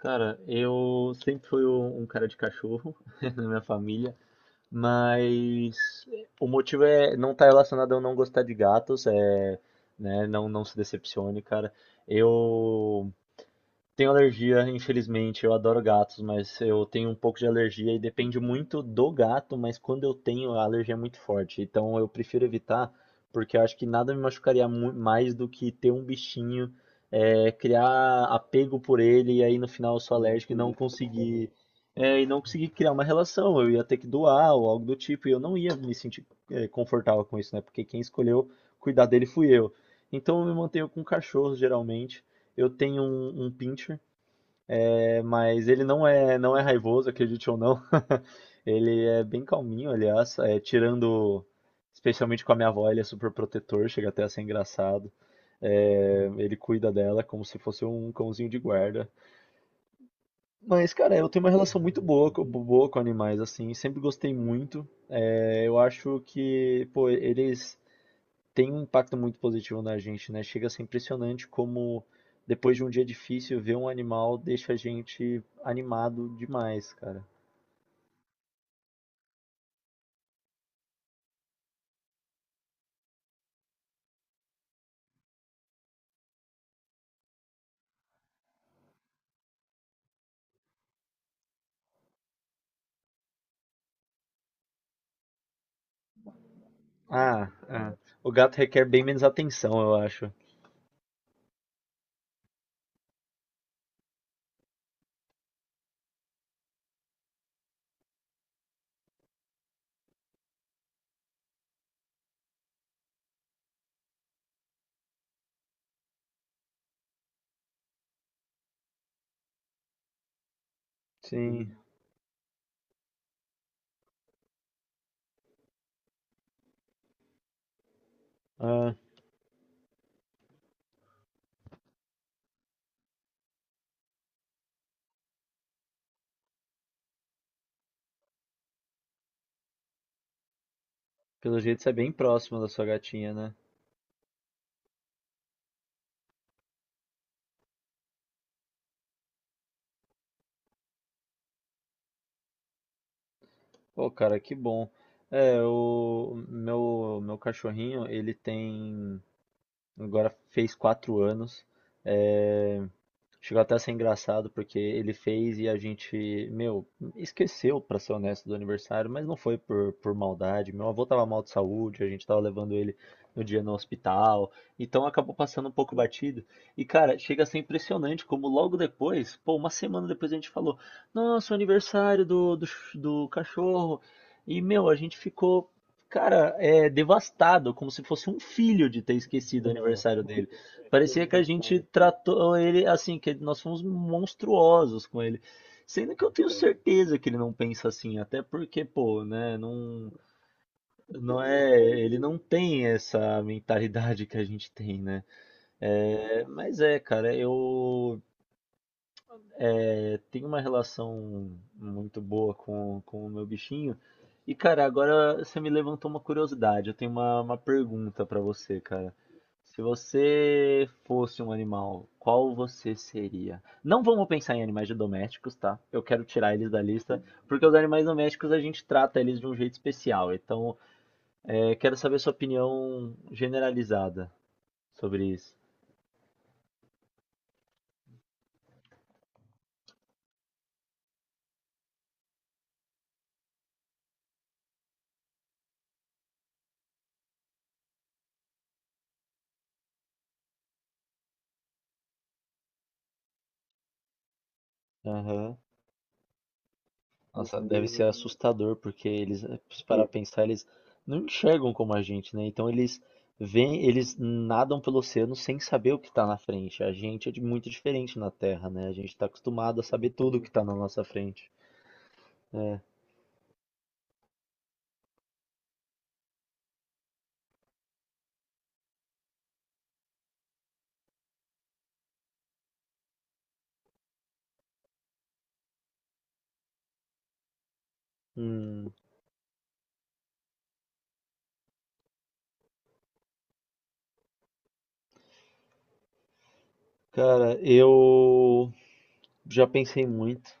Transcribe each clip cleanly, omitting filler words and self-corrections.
Cara, eu sempre fui um cara de cachorro na minha família, mas o motivo é não tá relacionado a eu não gostar de gatos, né, não, não se decepcione, cara. Eu tenho alergia, infelizmente. Eu adoro gatos, mas eu tenho um pouco de alergia e depende muito do gato, mas quando eu tenho, a alergia é muito forte. Então eu prefiro evitar, porque eu acho que nada me machucaria mais do que ter um bichinho, criar apego por ele e aí no final eu sou alérgico e não conseguir, e não conseguir criar uma relação. Eu ia ter que doar ou algo do tipo e eu não ia me sentir, confortável com isso, né? Porque quem escolheu cuidar dele fui eu. Então eu me mantenho com cachorros geralmente. Eu tenho um pincher, mas ele não é, não é raivoso, acredite ou não. Ele é bem calminho, aliás, tirando, especialmente com a minha avó, ele é super protetor, chega até a ser engraçado. É, ele cuida dela como se fosse um cãozinho de guarda. Mas, cara, eu tenho uma relação muito boa, boa com animais, assim, sempre gostei muito. É, eu acho que, pô, eles tem um impacto muito positivo na gente, né? Chega a ser impressionante como depois de um dia difícil, ver um animal deixa a gente animado demais, cara. Ah, o gato requer bem menos atenção, eu acho. Sim. Ah, pelo jeito você é bem próximo da sua gatinha, né? Pô, cara, que bom. É, o meu cachorrinho, ele tem. Agora fez quatro anos. É, chegou até a ser engraçado porque ele fez e a gente, meu, esqueceu, pra ser honesto, do aniversário, mas não foi por maldade. Meu avô tava mal de saúde, a gente tava levando ele no dia no hospital, então acabou passando um pouco batido. E cara, chega a ser impressionante como logo depois, pô, uma semana depois a gente falou: Nossa, o aniversário do, do cachorro. E meu, a gente ficou, cara, devastado, como se fosse um filho de ter esquecido o aniversário dele. Parecia que a gente tratou ele assim, que nós fomos monstruosos com ele. Sendo que eu tenho certeza que ele não pensa assim, até porque, pô, né, não, ele não tem essa mentalidade que a gente tem, né? É, mas é, cara, tenho uma relação muito boa com o meu bichinho. E, cara, agora você me levantou uma curiosidade. Eu tenho uma pergunta pra você, cara. Se você fosse um animal, qual você seria? Não vamos pensar em animais domésticos, tá? Eu quero tirar eles da lista, porque os animais domésticos a gente trata eles de um jeito especial. Então, quero saber sua opinião generalizada sobre isso. Nossa, deve ser assustador, porque eles, se parar pra pensar, eles não enxergam como a gente, né? Então eles veem, eles nadam pelo oceano sem saber o que tá na frente. A gente é muito diferente na Terra, né? A gente tá acostumado a saber tudo o que tá na nossa frente. Hum, cara, eu já pensei muito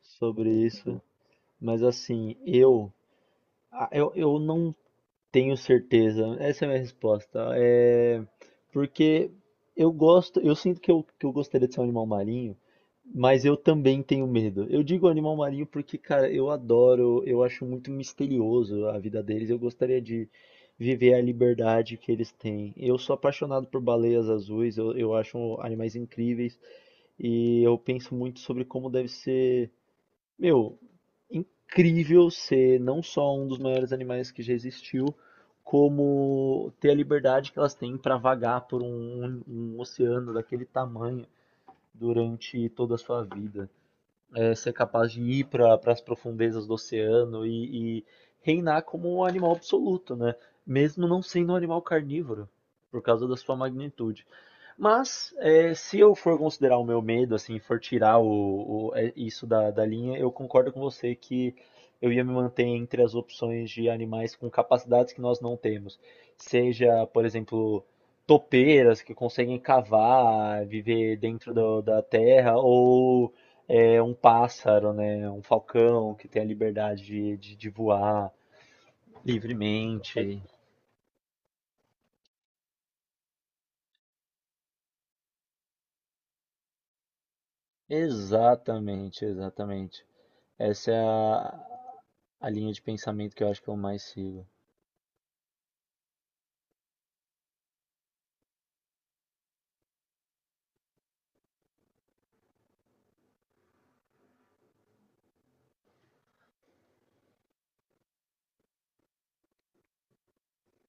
sobre isso, mas assim, eu não tenho certeza. Essa é a minha resposta. É porque eu gosto, eu sinto que que eu gostaria de ser um animal marinho, mas eu também tenho medo. Eu digo animal marinho porque, cara, eu adoro, eu acho muito misterioso a vida deles. Eu gostaria de viver a liberdade que eles têm. Eu sou apaixonado por baleias azuis, eu acho animais incríveis e eu penso muito sobre como deve ser meu, incrível ser não só um dos maiores animais que já existiu, como ter a liberdade que elas têm para vagar por um, um oceano daquele tamanho durante toda a sua vida. É, ser capaz de ir para as profundezas do oceano e reinar como um animal absoluto, né? Mesmo não sendo um animal carnívoro, por causa da sua magnitude. Mas é, se eu for considerar o meu medo, assim, for tirar isso da, da linha, eu concordo com você que eu ia me manter entre as opções de animais com capacidades que nós não temos. Seja, por exemplo, topeiras que conseguem cavar, viver da terra, ou um pássaro, né, um falcão que tem a liberdade de voar livremente. Exatamente, exatamente. Essa é a linha de pensamento que eu acho que eu mais sigo.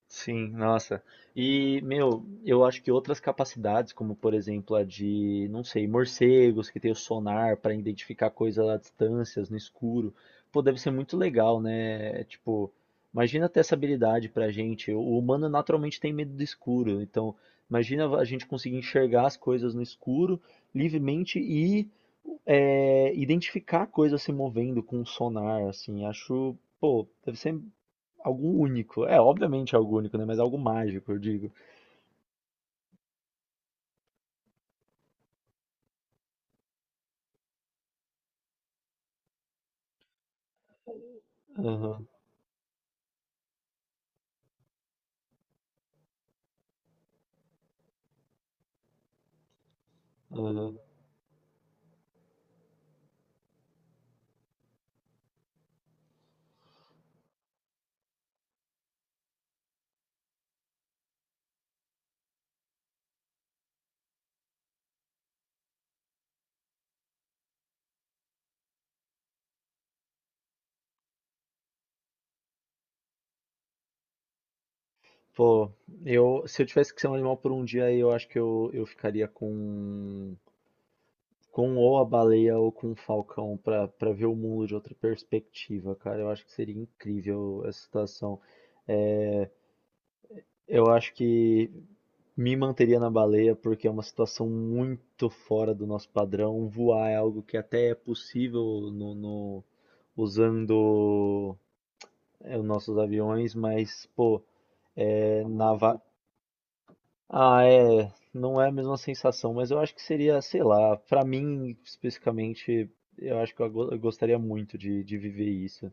Sim, nossa. E, meu, eu acho que outras capacidades, como por exemplo a de, não sei, morcegos que tem o sonar para identificar coisas a distâncias no escuro, pô, deve ser muito legal, né? É, tipo, imagina ter essa habilidade pra gente. O humano naturalmente tem medo do escuro, então imagina a gente conseguir enxergar as coisas no escuro livremente e identificar coisas se movendo com o sonar, assim, acho, pô, deve ser algo único. É, obviamente é algo único, né? Mas é algo mágico, eu digo. Aham, aham. Pô, eu, se eu tivesse que ser um animal por um dia, eu acho que eu ficaria com ou a baleia ou com o falcão pra para ver o mundo de outra perspectiva, cara. Eu acho que seria incrível essa situação. É, eu acho que me manteria na baleia porque é uma situação muito fora do nosso padrão. Voar é algo que até é possível no, no- usando os nossos aviões, mas, pô, é, na va- ah, é, não é a mesma sensação, mas eu acho que seria, sei lá, pra mim especificamente, eu acho que eu gostaria muito de viver isso.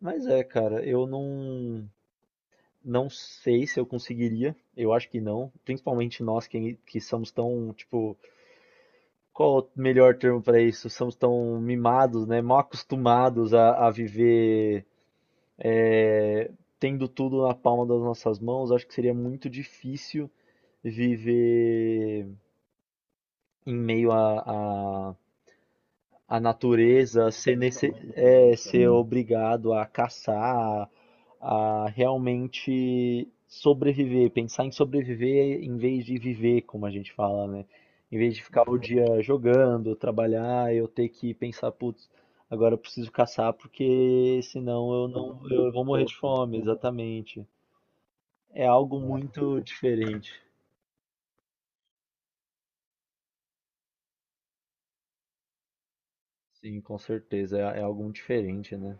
Mas é, cara, eu não, não sei se eu conseguiria, eu acho que não, principalmente nós que somos tão, tipo, qual o melhor termo pra isso? Somos tão mimados, né, mal acostumados a viver é, tendo tudo na palma das nossas mãos, acho que seria muito difícil viver em meio natureza, ser, nesse, ser obrigado a caçar, a realmente sobreviver, pensar em sobreviver em vez de viver, como a gente fala, né? Em vez de ficar o dia jogando, trabalhar, eu ter que pensar, putz, agora eu preciso caçar porque senão eu não eu vou morrer de fome, exatamente. É algo muito diferente. Sim, com certeza. É, é algo muito diferente, né?